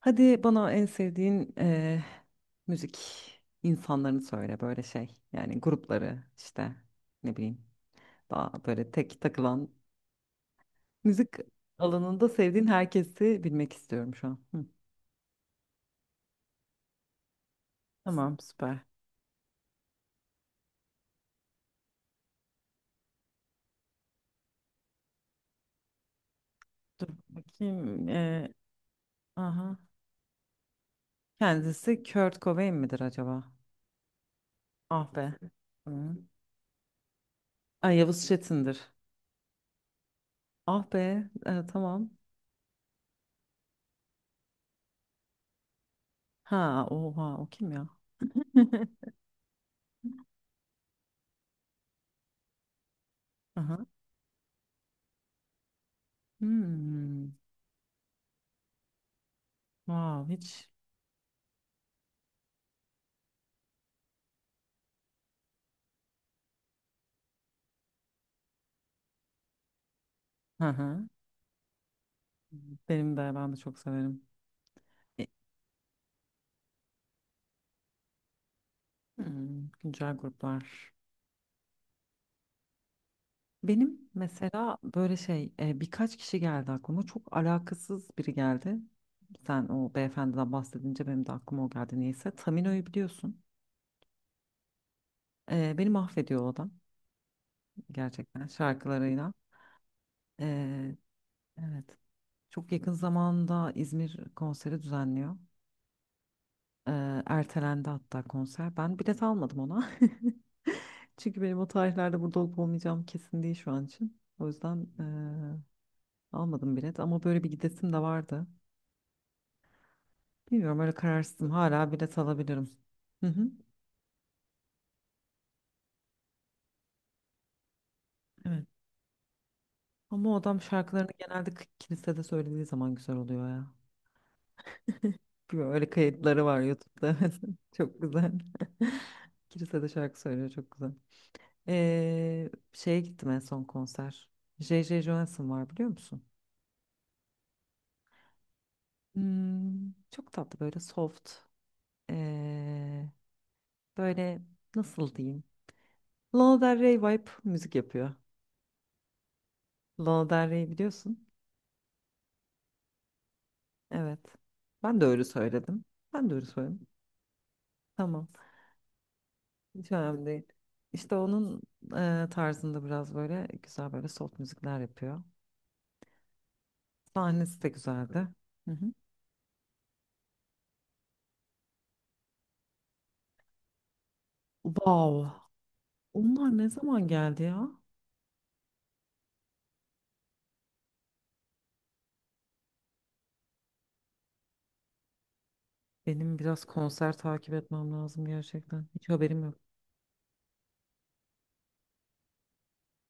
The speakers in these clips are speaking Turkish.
Hadi bana en sevdiğin müzik insanlarını söyle böyle şey. Yani grupları işte ne bileyim daha böyle tek takılan müzik alanında sevdiğin herkesi bilmek istiyorum şu an. Hı. Tamam süper. Dur bakayım. Aha. Kendisi Kurt Cobain midir acaba? Ah be. Hı. Ay Yavuz Çetin'dir. Ah be tamam. Ha oha o kim ya? Aha. Hmm. Wow hiç. Hı hı. Ben de çok severim. E, hmm, güncel gruplar. Benim mesela böyle şey birkaç kişi geldi aklıma. Çok alakasız biri geldi. Sen o beyefendiden bahsedince benim de aklıma o geldi neyse. Tamino'yu biliyorsun. Beni mahvediyor o adam gerçekten şarkılarıyla. E, evet. Çok yakın zamanda İzmir konseri düzenliyor. Ertelendi hatta konser. Ben bilet almadım ona. Çünkü benim o tarihlerde burada olup olmayacağım kesin değil şu an için. O yüzden almadım bilet ama böyle bir gidesim de vardı. Bilmiyorum öyle kararsızım. Hala bilet alabilirim. Hı hı. Evet. Ama o adam şarkılarını genelde kilisede söylediği zaman güzel oluyor ya. Bilmiyorum, öyle kayıtları var YouTube'da. Çok güzel. Kilisede şarkı söylüyor çok güzel. Şeye gittim en son konser. J J Johansson var biliyor musun? Hmm, çok tatlı böyle soft. ee, böyle nasıl diyeyim? Lana Del Rey vibe müzik yapıyor. Lana Del Rey biliyorsun. Evet. Ben de öyle söyledim. Ben de öyle söyledim. Tamam. Hiç önemli değil. İşte onun tarzında biraz böyle güzel böyle soft müzikler yapıyor. Sahnesi de güzeldi. Hı hı. Wow. Onlar ne zaman geldi ya? Benim biraz konser takip etmem lazım gerçekten. Hiç haberim yok.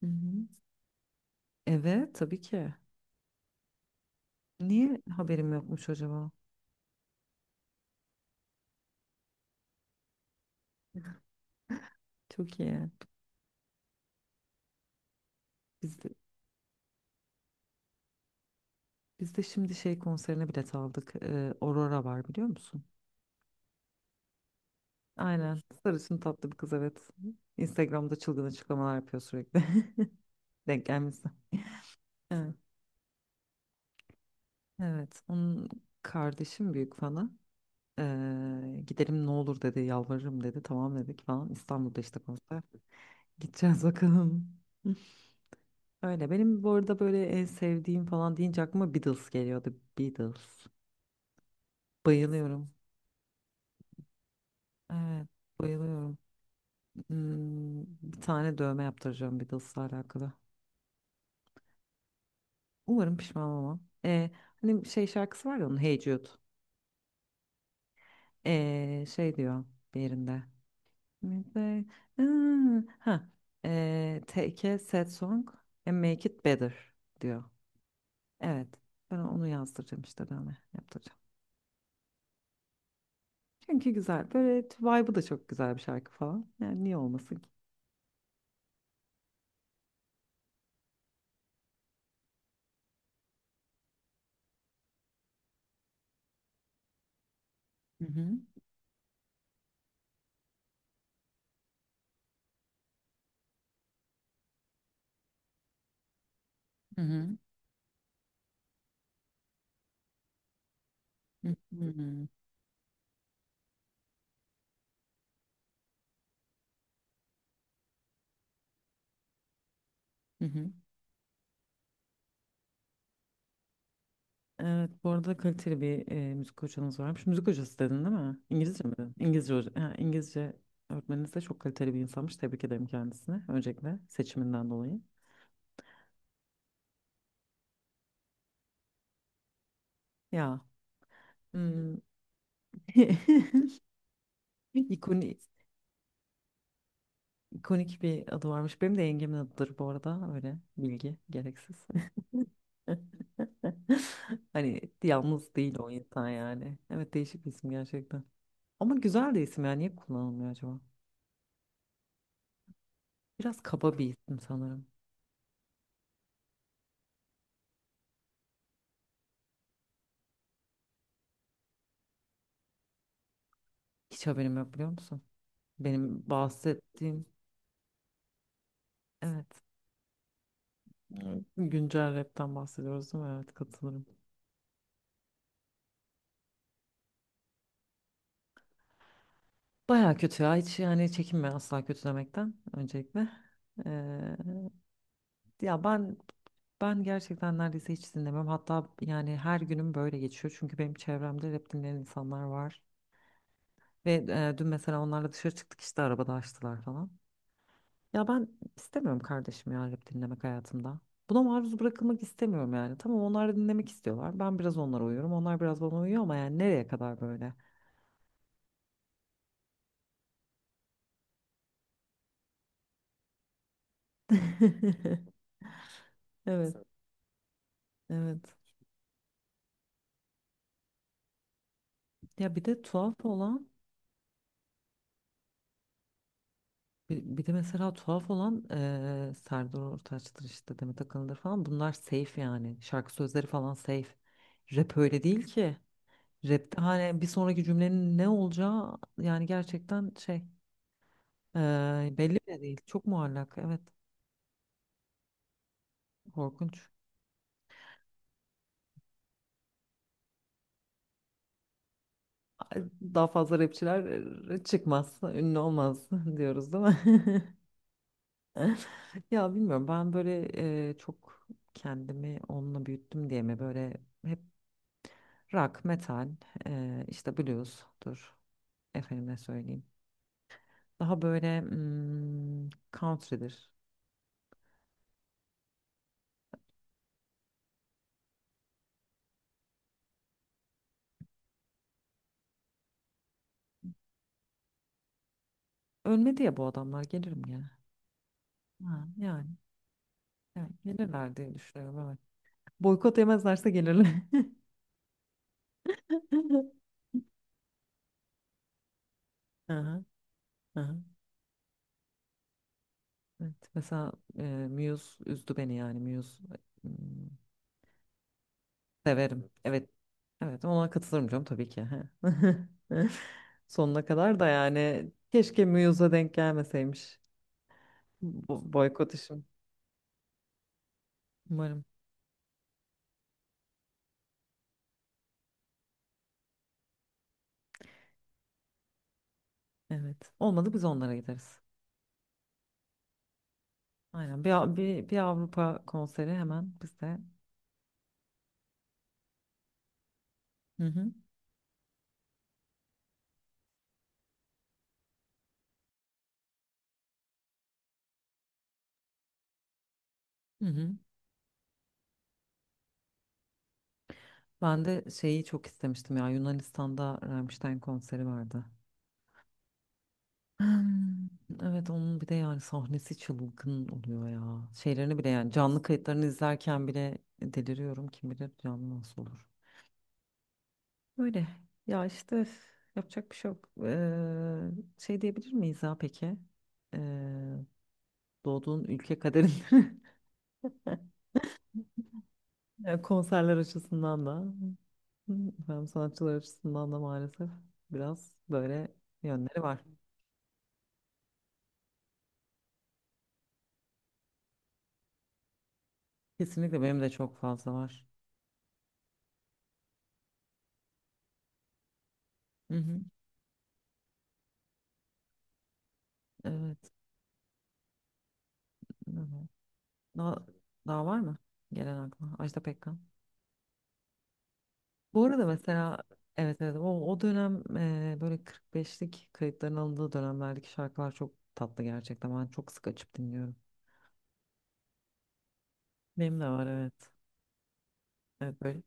Hı hı. Evet, tabii ki. Niye haberim yokmuş acaba? Çok iyi. Biz de, biz de şimdi şey konserine bilet aldık. Aurora var biliyor musun? Aynen. Sarışın tatlı bir kız evet. Instagram'da çılgın açıklamalar yapıyor sürekli. Denk gelmişsin. Evet. Evet. Onun kardeşim büyük fanı. Gidelim ne olur dedi. Yalvarırım dedi. Tamam dedik falan. İstanbul'da işte konser. Gideceğiz bakalım. Öyle. Benim bu arada böyle en sevdiğim falan deyince aklıma Beatles geliyordu. Beatles. Bayılıyorum. Evet, bayılıyorum. Hmm, bir tane dövme yaptıracağım Beatles'la alakalı. Umarım pişman olmam. Hani şey şarkısı var ya onun Hey Jude. Şey diyor bir yerinde. Midway- Hmm, ha, take a sad song and make it better diyor. Evet, ben onu yazdıracağım işte dövme yaptıracağım. Çünkü güzel. Böyle vibe'ı da çok güzel bir şarkı falan. Yani niye olmasın ki? Hı hı. Hı hı. Hı hı. Hı hı. Evet, bu arada kaliteli bir müzik hocanız varmış. Müzik hocası dedin değil mi? İngilizce mi dedin? İngilizce, ha, İngilizce öğretmeniniz de çok kaliteli bir insanmış. Tebrik ederim kendisine. Öncelikle seçiminden dolayı. Ya. Hmm. İkonik, ikonik bir adı varmış. Benim de yengemin adıdır bu arada. Öyle bilgi gereksiz. Hani yalnız değil o insan yani. Evet değişik bir isim gerçekten. Ama güzel de isim yani. Niye kullanılmıyor acaba? Biraz kaba bir isim sanırım. Hiç haberim yok biliyor musun? Benim bahsettiğim evet. Evet, güncel rapten bahsediyoruz değil mi? Evet katılırım. Baya kötü ya hiç yani çekinme asla kötülemekten öncelikle. Ee, ya ben gerçekten neredeyse hiç dinlemem. Hatta yani her günüm böyle geçiyor. Çünkü benim çevremde rap dinleyen insanlar var. Ve dün mesela onlarla dışarı çıktık işte arabada açtılar falan. Ya ben istemiyorum kardeşim ya rap dinlemek hayatımda. Buna maruz bırakılmak istemiyorum yani. Tamam onlar da dinlemek istiyorlar. Ben biraz onlara uyuyorum. Onlar biraz bana uyuyor ama yani nereye kadar böyle? Evet, evet. Ya bir de tuhaf olan bir de mesela tuhaf olan Serdar Ortaç'tır işte Demet Akalın'dır falan. Bunlar safe yani. Şarkı sözleri falan safe. Rap öyle değil ki. Rapte hani bir sonraki cümlenin ne olacağı yani gerçekten şey belli bile değil. Çok muallak. Evet. Korkunç. Ay, daha fazla rapçiler çıkmaz, ünlü olmaz diyoruz değil mi? Ya bilmiyorum ben böyle çok kendimi onunla büyüttüm diye mi böyle hep rock, metal, işte blues'tur efendime söyleyeyim. Daha böyle hmm, country'dir. Ölmedi ya bu adamlar gelirim gene. Ha, yani, yani gelirler diye düşünüyorum evet. Boykot yemezlerse gelirler. Aha, aha. Evet, mesela e, Muse üzdü beni yani m, severim. Evet. Evet ona katılırım canım tabii ki. He. Sonuna kadar da yani keşke Muse'a denk gelmeseymiş. Bu boykot işim. Umarım. Evet. Olmadı biz onlara gideriz. Aynen. Bir Avrupa konseri hemen bizde. Hı hı. Hı hı. Ben de şeyi çok istemiştim ya Yunanistan'da Rammstein konseri vardı. Hmm. Evet onun bir de yani sahnesi çılgın oluyor ya. Şeylerini bile yani canlı kayıtlarını izlerken bile deliriyorum. Kim bilir canlı nasıl olur. Öyle ya işte üf, yapacak bir şey yok. Şey diyebilir miyiz ya peki? Ee, doğduğun ülke kaderinde yani konserler açısından da hem sanatçılar açısından da maalesef biraz böyle yönleri var. Kesinlikle benim de çok fazla var. Hı hı. Evet. Evet. Daha, daha var mı? Gelen aklıma. Ajda Pekkan. Bu arada mesela evet o dönem böyle 45'lik kayıtların alındığı dönemlerdeki şarkılar çok tatlı gerçekten. Ben çok sık açıp dinliyorum. Benim de var evet. Evet böyle,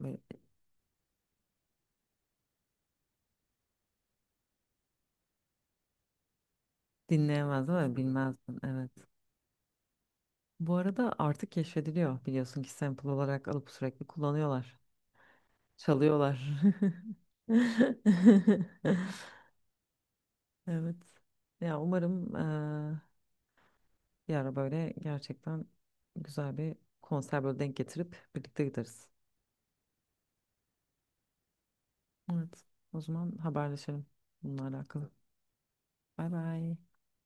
böyle dinleyemezdim ama bilmezdim evet. Bu arada artık keşfediliyor biliyorsun ki sample olarak alıp sürekli kullanıyorlar. Çalıyorlar. Evet. Ya umarım bir ara böyle gerçekten güzel bir konser böyle denk getirip birlikte gideriz. Evet. O zaman haberleşelim bununla alakalı. Bay bay.